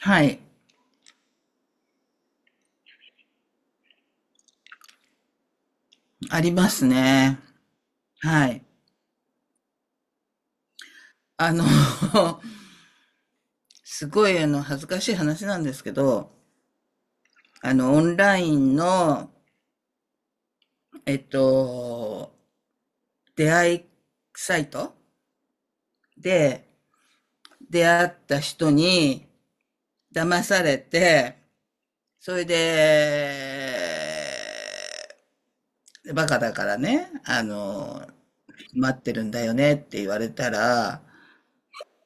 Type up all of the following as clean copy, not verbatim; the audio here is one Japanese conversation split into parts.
はい。ありますね。はい。あの、すごい恥ずかしい話なんですけど、オンラインの、えっと、出会いサイトで出会った人に騙されて、それで、バカだからね、待ってるんだよねって言われたら、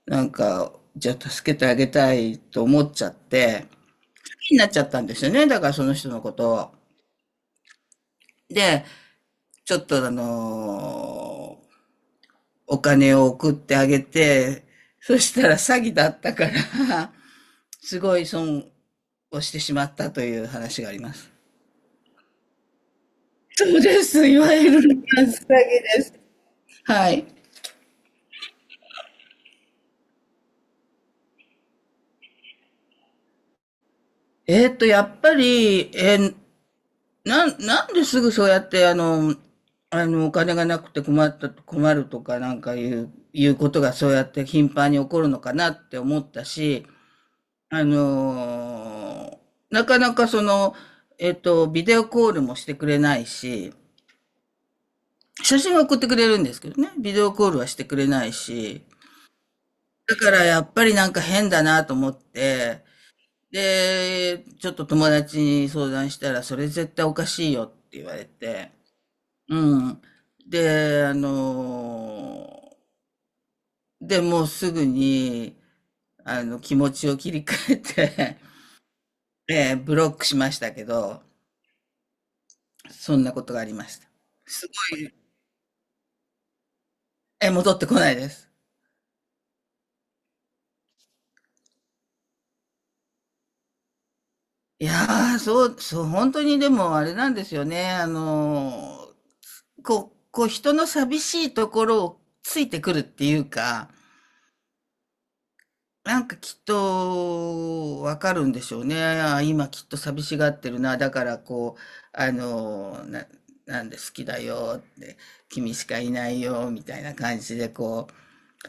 なんか、じゃあ助けてあげたいと思っちゃって、になっちゃったんですよね。だからその人のことを。で、ちょっとお金を送ってあげて、そしたら詐欺だったから、すごい損をしてしまったという話があります。そうです。いわゆる詐欺です。はい。やっぱり、なんですぐそうやって、お金がなくて困った、困るとかなんかいうことがそうやって頻繁に起こるのかなって思ったし、あのーなかなかその、ビデオコールもしてくれないし、写真は送ってくれるんですけどね、ビデオコールはしてくれないし、だからやっぱりなんか変だなと思って、で、ちょっと友達に相談したら、それ絶対おかしいよって言われて、うん。で、あのーで、もうすぐに、気持ちを切り替えて、ブロックしましたけど、そんなことがありました。すごい。え、戻ってこないです。いやー、そう、そう、本当にでもあれなんですよね。こう、人の寂しいところをついてくるっていうか、なんかきっとわかるんでしょうね。あー今きっと寂しがってるな。だからこう、あのー、ななんで好きだよって、君しかいないよみたいな感じで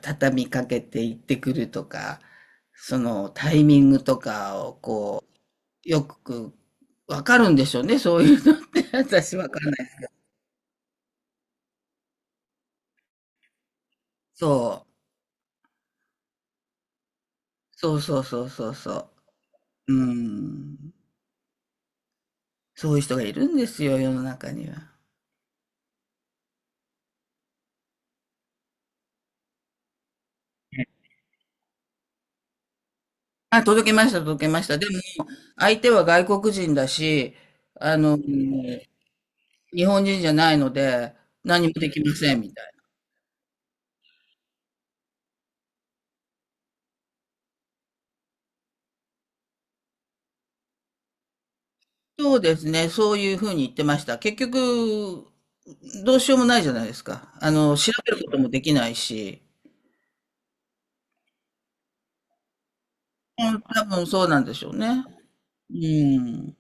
畳みかけて行ってくるとか、そのタイミングとかをこう、よくわかるんでしょうね、そういうのって 私わかんない。そう。そうそうそうそうそう。うん。そういう人がいるんですよ、世の中には。あ、届けました、届けました。でも、相手は外国人だし、あの、日本人じゃないので、何もできません、みたいな。そうですね。そういうふうに言ってました。結局、どうしようもないじゃないですか。調べることもできないし。うん、多分そうなんでしょうね。うん。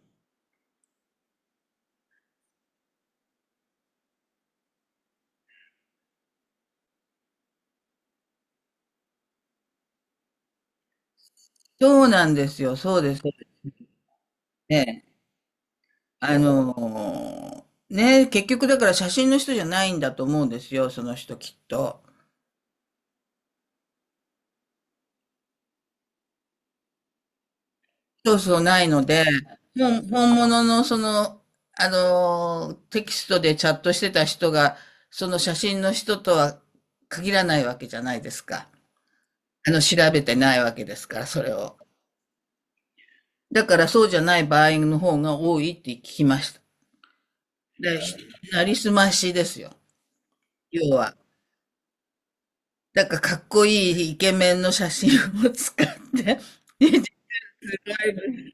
そうなんですよ。そうですよね。あのね、結局だから写真の人じゃないんだと思うんですよ。その人きっと。そうそうないので、もう本物のその、テキストでチャットしてた人が、その写真の人とは限らないわけじゃないですか。調べてないわけですから、それを。だからそうじゃない場合の方が多いって聞きました。で、なりすましですよ。要は。だからかっこいいイケメンの写真を使って、すごい、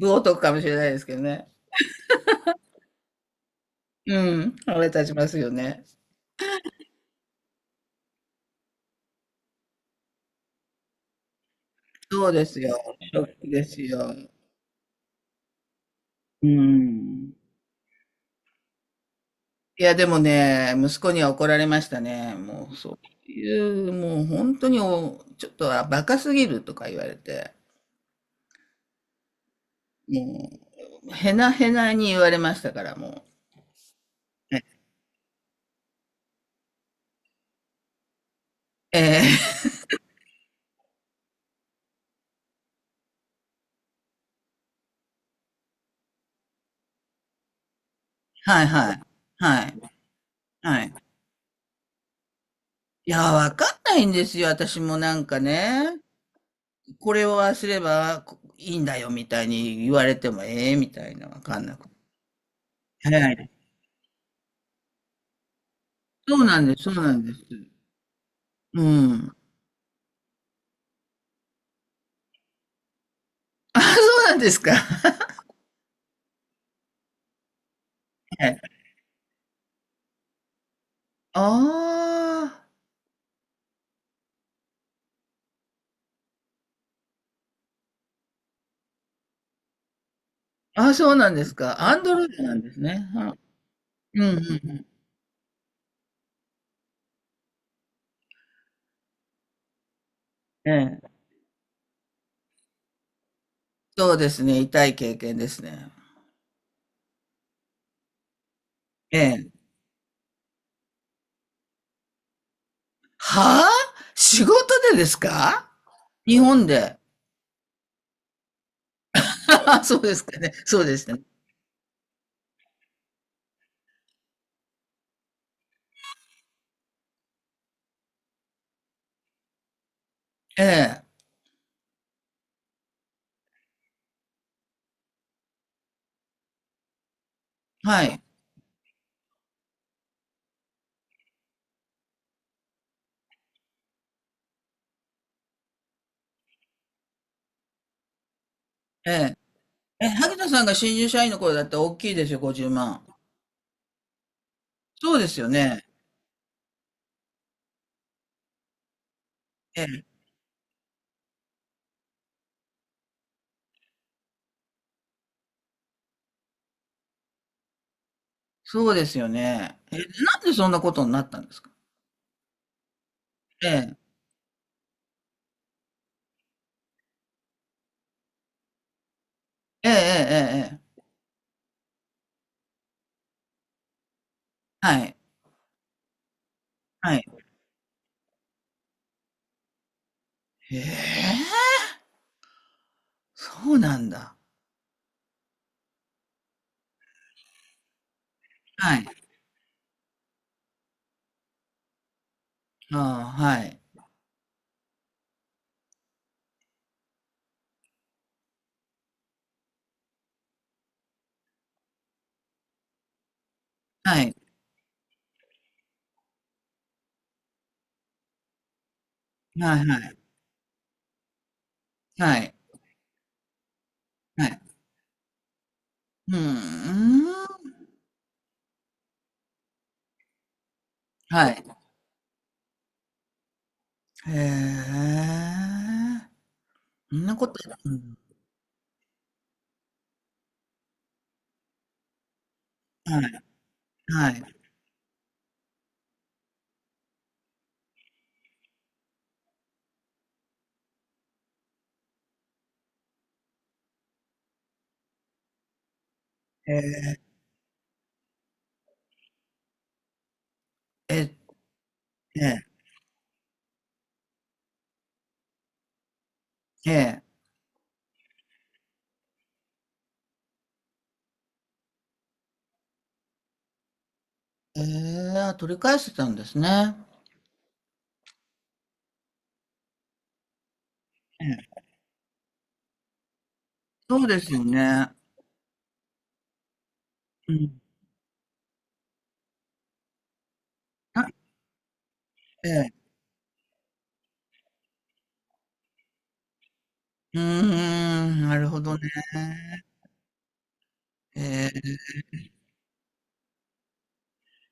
冒涜かもしれないですけどね。うん、腹立ちますよね。そうですよ。ショックですよ。うん。いや、でもね、息子には怒られましたね。もうそういう、もう本当にちょっとはバカすぎるとか言われて。もう、へなへなに言われましたから、もう。ええー はいはい。はい。はい。いや、わかんないんですよ、私もなんかね。これをああすればこいいんだよ、みたいに言われても、ええみたいな、わかんなくて。はい。そうなんです、そうなんです。うん。あ、そうなんですか。はい。ああ。あ、そうなんですか。アンドロイドなんですね。うんうんうん。ええ。そうですね、痛い経験ですね。ええ。はあ？仕事でですか？日本で。そうですかね。そうですね。ええ、はい。ええ。え、萩田さんが新入社員の頃だったら大きいですよ、50万。そうですよね。ええ、そうですよね。え、なんでそんなことになったんですか？ええ。えええええええええ。はい。はい。へえ、そうなんだ。はい。ああ、はい。はい。はいはい。はい。はい。うーん。はい。へえ。そんなこと、うん、はい、はい。ええ、ええ、えーえー、えー、あ取り返してたんですね。ええ、そうですよね。うん。あ、ええ、うーん、なるほどね。え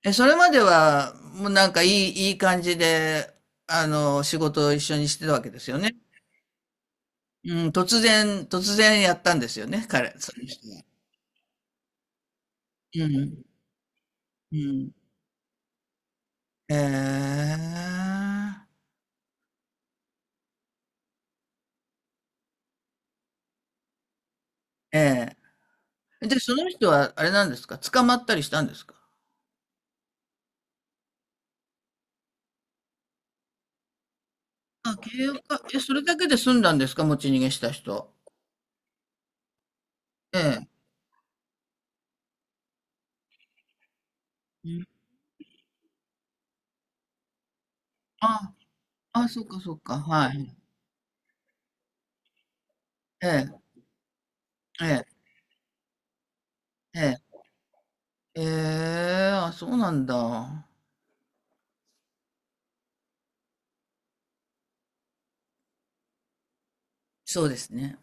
え、え、それまでは、もうなんかいい感じで、仕事を一緒にしてたわけですよね。うん、突然やったんですよね、彼、その人は。うん、うん。ええ、ええ。で、その人はあれなんですか？捕まったりしたんですか？あ、契約か。え、それだけで済んだんですか、持ち逃げした人。ええ。うん。あ、あ、そうかそうか。はい。ええ、ええ、ええ。ええ、あ、そうなんだ。そうですね。